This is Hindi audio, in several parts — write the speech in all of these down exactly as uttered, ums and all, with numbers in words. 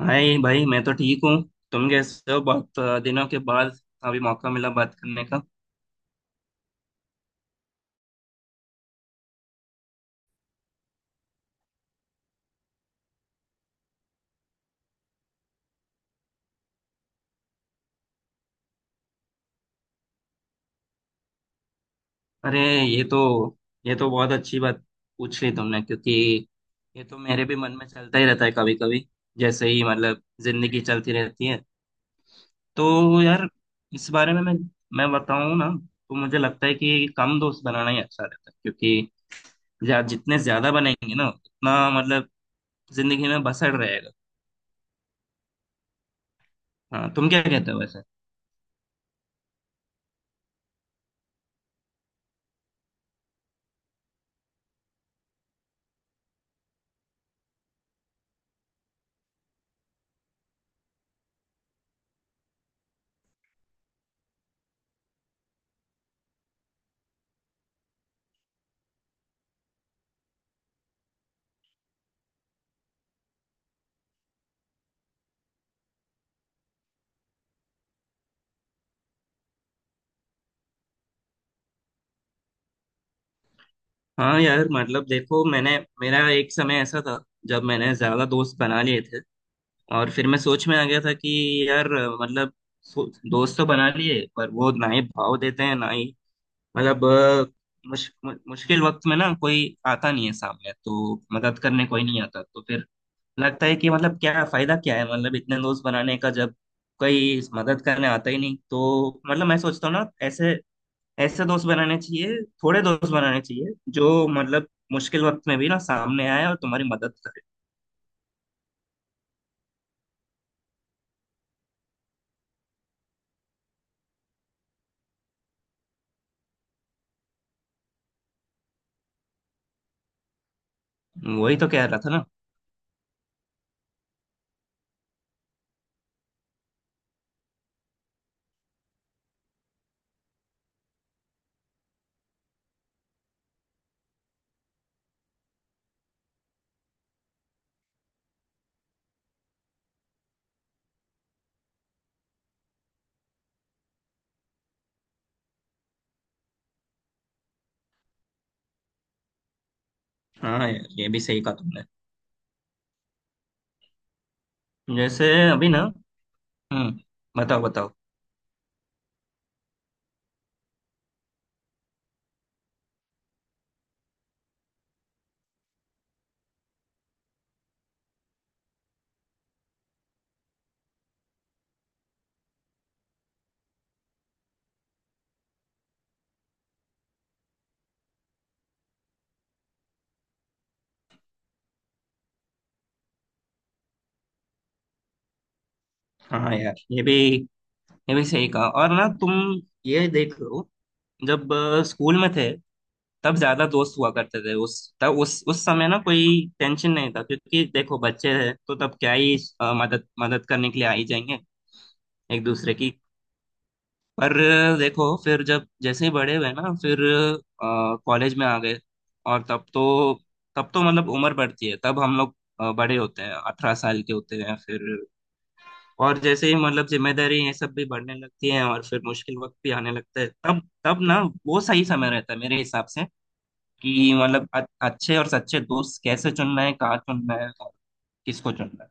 हाय भाई मैं तो ठीक हूँ। तुम कैसे हो? बहुत अ, दिनों के बाद अभी मौका मिला बात करने का। अरे, ये तो ये तो बहुत अच्छी बात पूछ ली तुमने, क्योंकि ये तो मेरे भी मन में चलता ही रहता है कभी कभी। जैसे ही मतलब जिंदगी चलती रहती है। तो यार, इस बारे में मैं मैं बताऊँ ना, तो मुझे लगता है कि कम दोस्त बनाना ही अच्छा रहता है, क्योंकि ज्या- जितने ज्यादा बनेंगे ना उतना मतलब जिंदगी में बसड़ रहेगा। हाँ, तुम क्या कहते हो वैसे? हाँ यार, मतलब देखो, मैंने मेरा एक समय ऐसा था जब मैंने ज्यादा दोस्त बना लिए थे, और फिर मैं सोच में आ गया था कि यार मतलब सो- दोस्त तो बना लिए, पर वो ना ही भाव देते हैं ना ही मतलब अ, मुश, मु, मुश्किल वक्त में ना कोई आता नहीं है सामने, तो मदद करने कोई नहीं आता, तो फिर लगता है कि मतलब क्या फायदा क्या है मतलब इतने दोस्त बनाने का जब कोई मदद करने आता ही नहीं। तो मतलब मैं सोचता हूँ ना, ऐसे ऐसे दोस्त बनाने चाहिए, थोड़े दोस्त बनाने चाहिए जो मतलब मुश्किल वक्त में भी ना सामने आए और तुम्हारी मदद करे। वही तो कह रहा था ना। हाँ यार, ये भी सही कहा तुमने। जैसे अभी ना, हम्म, बताओ बताओ। हाँ यार, ये भी ये भी सही कहा, और ना तुम ये देख लो। जब अ, स्कूल में थे, तब ज्यादा दोस्त हुआ करते थे। उस तब उस उस समय ना कोई टेंशन नहीं था, क्योंकि देखो बच्चे हैं तो तब क्या ही अ, मदद मदद करने के लिए आ ही जाएंगे एक दूसरे की। पर देखो, फिर जब जैसे ही बड़े हुए ना, फिर कॉलेज में आ गए। और तब तो तब तो मतलब उम्र बढ़ती है, तब हम लोग अ, बड़े होते हैं, अठारह साल के होते हैं फिर, और जैसे ही मतलब जिम्मेदारी ये सब भी बढ़ने लगती है, और फिर मुश्किल वक्त भी आने लगता है। तब तब ना वो सही समय रहता है मेरे हिसाब से, कि मतलब अ- अच्छे और सच्चे दोस्त कैसे चुनना है, कहाँ चुनना है, और किसको चुनना है।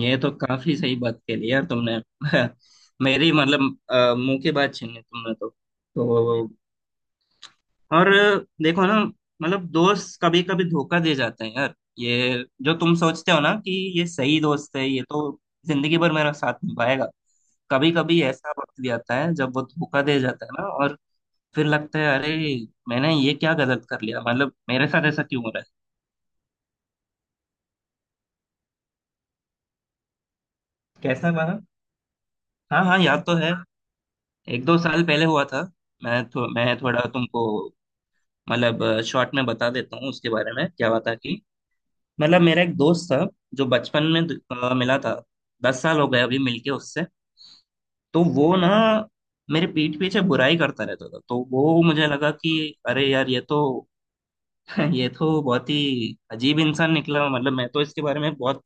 ये तो काफी सही बात कह ली यार तुमने मेरी मतलब अ, मुंह की बात छीन ली तुमने तो। तो और देखो ना, मतलब दोस्त कभी कभी धोखा दे जाते हैं यार। ये जो तुम सोचते हो ना कि ये सही दोस्त है, ये तो जिंदगी भर मेरा साथ निभाएगा, कभी कभी ऐसा वक्त भी आता है जब वो धोखा दे जाता है ना, और फिर लगता है, अरे, मैंने ये क्या गलत कर लिया, मतलब मेरे साथ ऐसा क्यों हो रहा। है कैसा माना? हाँ हाँ, याद तो है। एक दो साल पहले हुआ था। मैं थो, मैं थोड़ा तुमको मतलब शॉर्ट में बता देता हूँ उसके बारे में क्या हुआ था कि मतलब मेरा एक दोस्त था, जो बचपन में अ, मिला था। दस साल हो गए अभी मिलके उससे। तो वो ना मेरे पीठ पीछे बुराई करता रहता था, तो वो मुझे लगा कि अरे यार, ये तो ये तो बहुत ही अजीब इंसान निकला। मतलब मैं तो इसके बारे में बहुत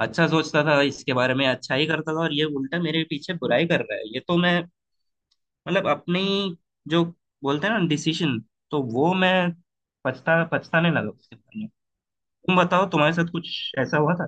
अच्छा सोचता था, इसके बारे में अच्छा ही करता था, और ये उल्टा मेरे पीछे बुराई कर रहा है। ये तो मैं मतलब अपनी, जो बोलते हैं ना, डिसीजन, तो वो मैं पछता पछताने लगा उसके बाद में। तुम बताओ, तुम्हारे साथ कुछ ऐसा हुआ था?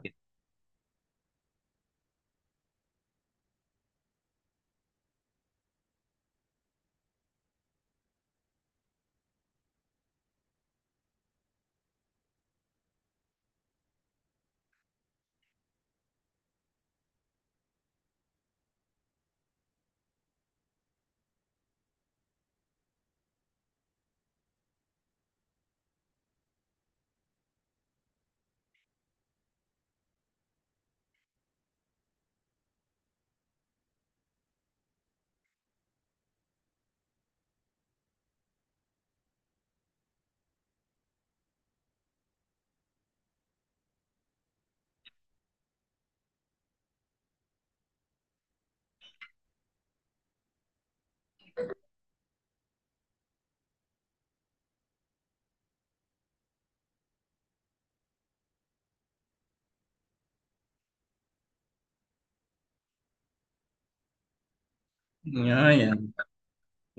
क्या हाँ यार,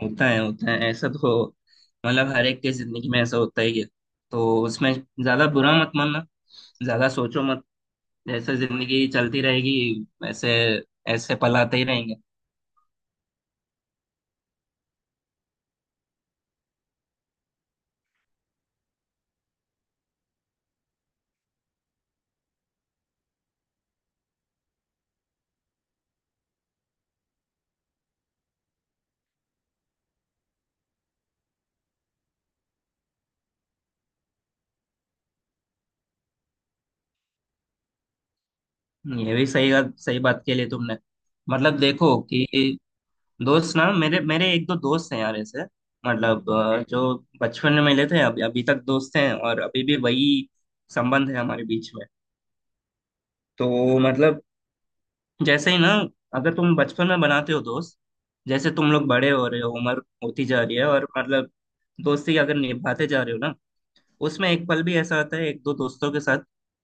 होता है होता है ऐसा तो, मतलब हर एक की जिंदगी में ऐसा होता ही है। तो उसमें ज्यादा बुरा मत मानना, ज्यादा सोचो मत। जैसे जिंदगी चलती रहेगी, ऐसे ऐसे पल आते ही रहेंगे। ये भी सही बात, सही बात के लिए तुमने मतलब देखो कि दोस्त ना, मेरे मेरे एक दो दोस्त हैं यार ऐसे, मतलब अ, जो बचपन में मिले थे, अभी अभी तक दोस्त हैं, और अभी भी वही संबंध है हमारे बीच में। तो मतलब जैसे ही ना, अगर तुम बचपन में बनाते हो दोस्त, जैसे तुम लोग बड़े हो रहे हो, उम्र होती जा रही है, और मतलब दोस्ती अगर निभाते जा रहे हो ना, उसमें एक पल भी ऐसा आता है एक दो दोस्तों के साथ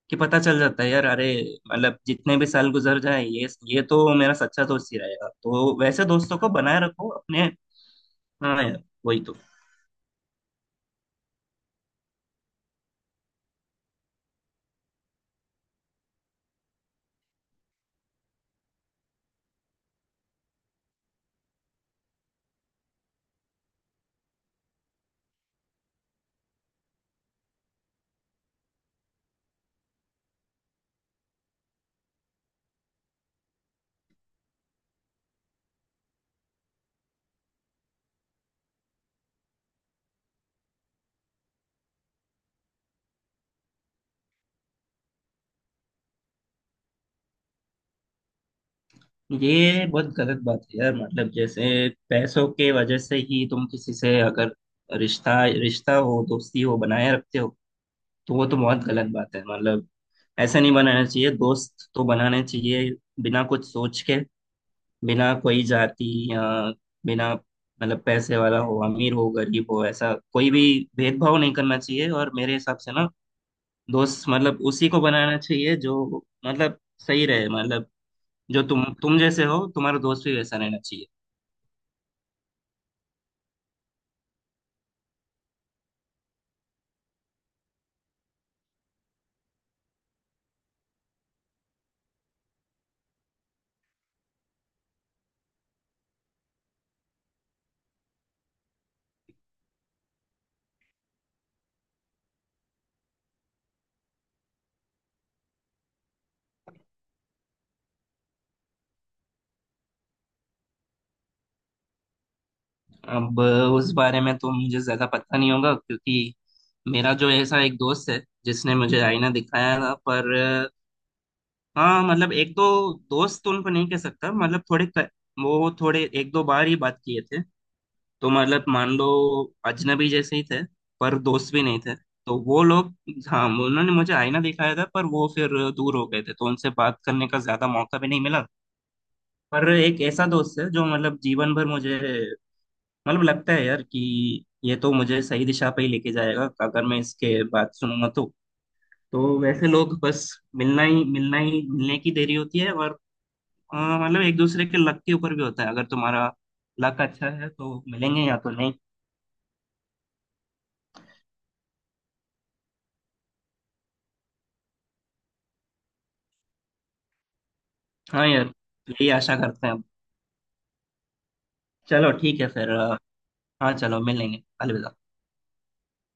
कि पता चल जाता है यार, अरे, मतलब जितने भी साल गुजर जाए, ये ये तो मेरा सच्चा दोस्त ही रहेगा, तो वैसे दोस्तों को बनाए रखो अपने। हाँ यार, वही तो। तो ये बहुत गलत बात है यार, मतलब जैसे पैसों के वजह से ही तुम किसी से अगर रिश्ता रिश्ता हो, दोस्ती हो, बनाए रखते हो, तो वो तो बहुत गलत बात है। मतलब ऐसा नहीं बनाना चाहिए, दोस्त तो बनाने चाहिए बिना कुछ सोच के, बिना कोई जाति, या बिना मतलब पैसे वाला हो, अमीर हो, गरीब हो, ऐसा कोई भी भेदभाव नहीं करना चाहिए। और मेरे हिसाब से ना, दोस्त मतलब उसी को बनाना चाहिए जो मतलब सही रहे, मतलब जो तुम तुम जैसे हो, तुम्हारा दोस्त भी वैसा रहना चाहिए। अब उस बारे में तो मुझे ज्यादा पता नहीं होगा, क्योंकि मेरा जो ऐसा एक दोस्त है, जिसने मुझे आईना दिखाया था, पर हाँ, मतलब एक दो दोस्त तो उनको नहीं कह सकता, मतलब थोड़े क- वो थोड़े एक दो बार ही बात किए थे। तो मतलब मान लो अजनबी जैसे ही थे, पर दोस्त भी नहीं थे। तो वो लोग, हाँ, उन्होंने मुझे आईना दिखाया था, पर वो फिर दूर हो गए थे, तो उनसे बात करने का ज्यादा मौका भी नहीं मिला। पर एक ऐसा दोस्त है जो मतलब जीवन भर मुझे, मतलब लगता है यार कि ये तो मुझे सही दिशा पे ही लेके जाएगा अगर मैं इसके बात सुनूंगा तो। तो वैसे लोग बस मिलना ही मिलना ही मिलने की देरी होती है, और अ, मतलब एक दूसरे के लक के ऊपर भी होता है। अगर तुम्हारा लक अच्छा है तो मिलेंगे, या तो नहीं। हाँ यार, यही आशा करते हैं। चलो ठीक है, फिर अ, हाँ चलो, मिलेंगे, अलविदा।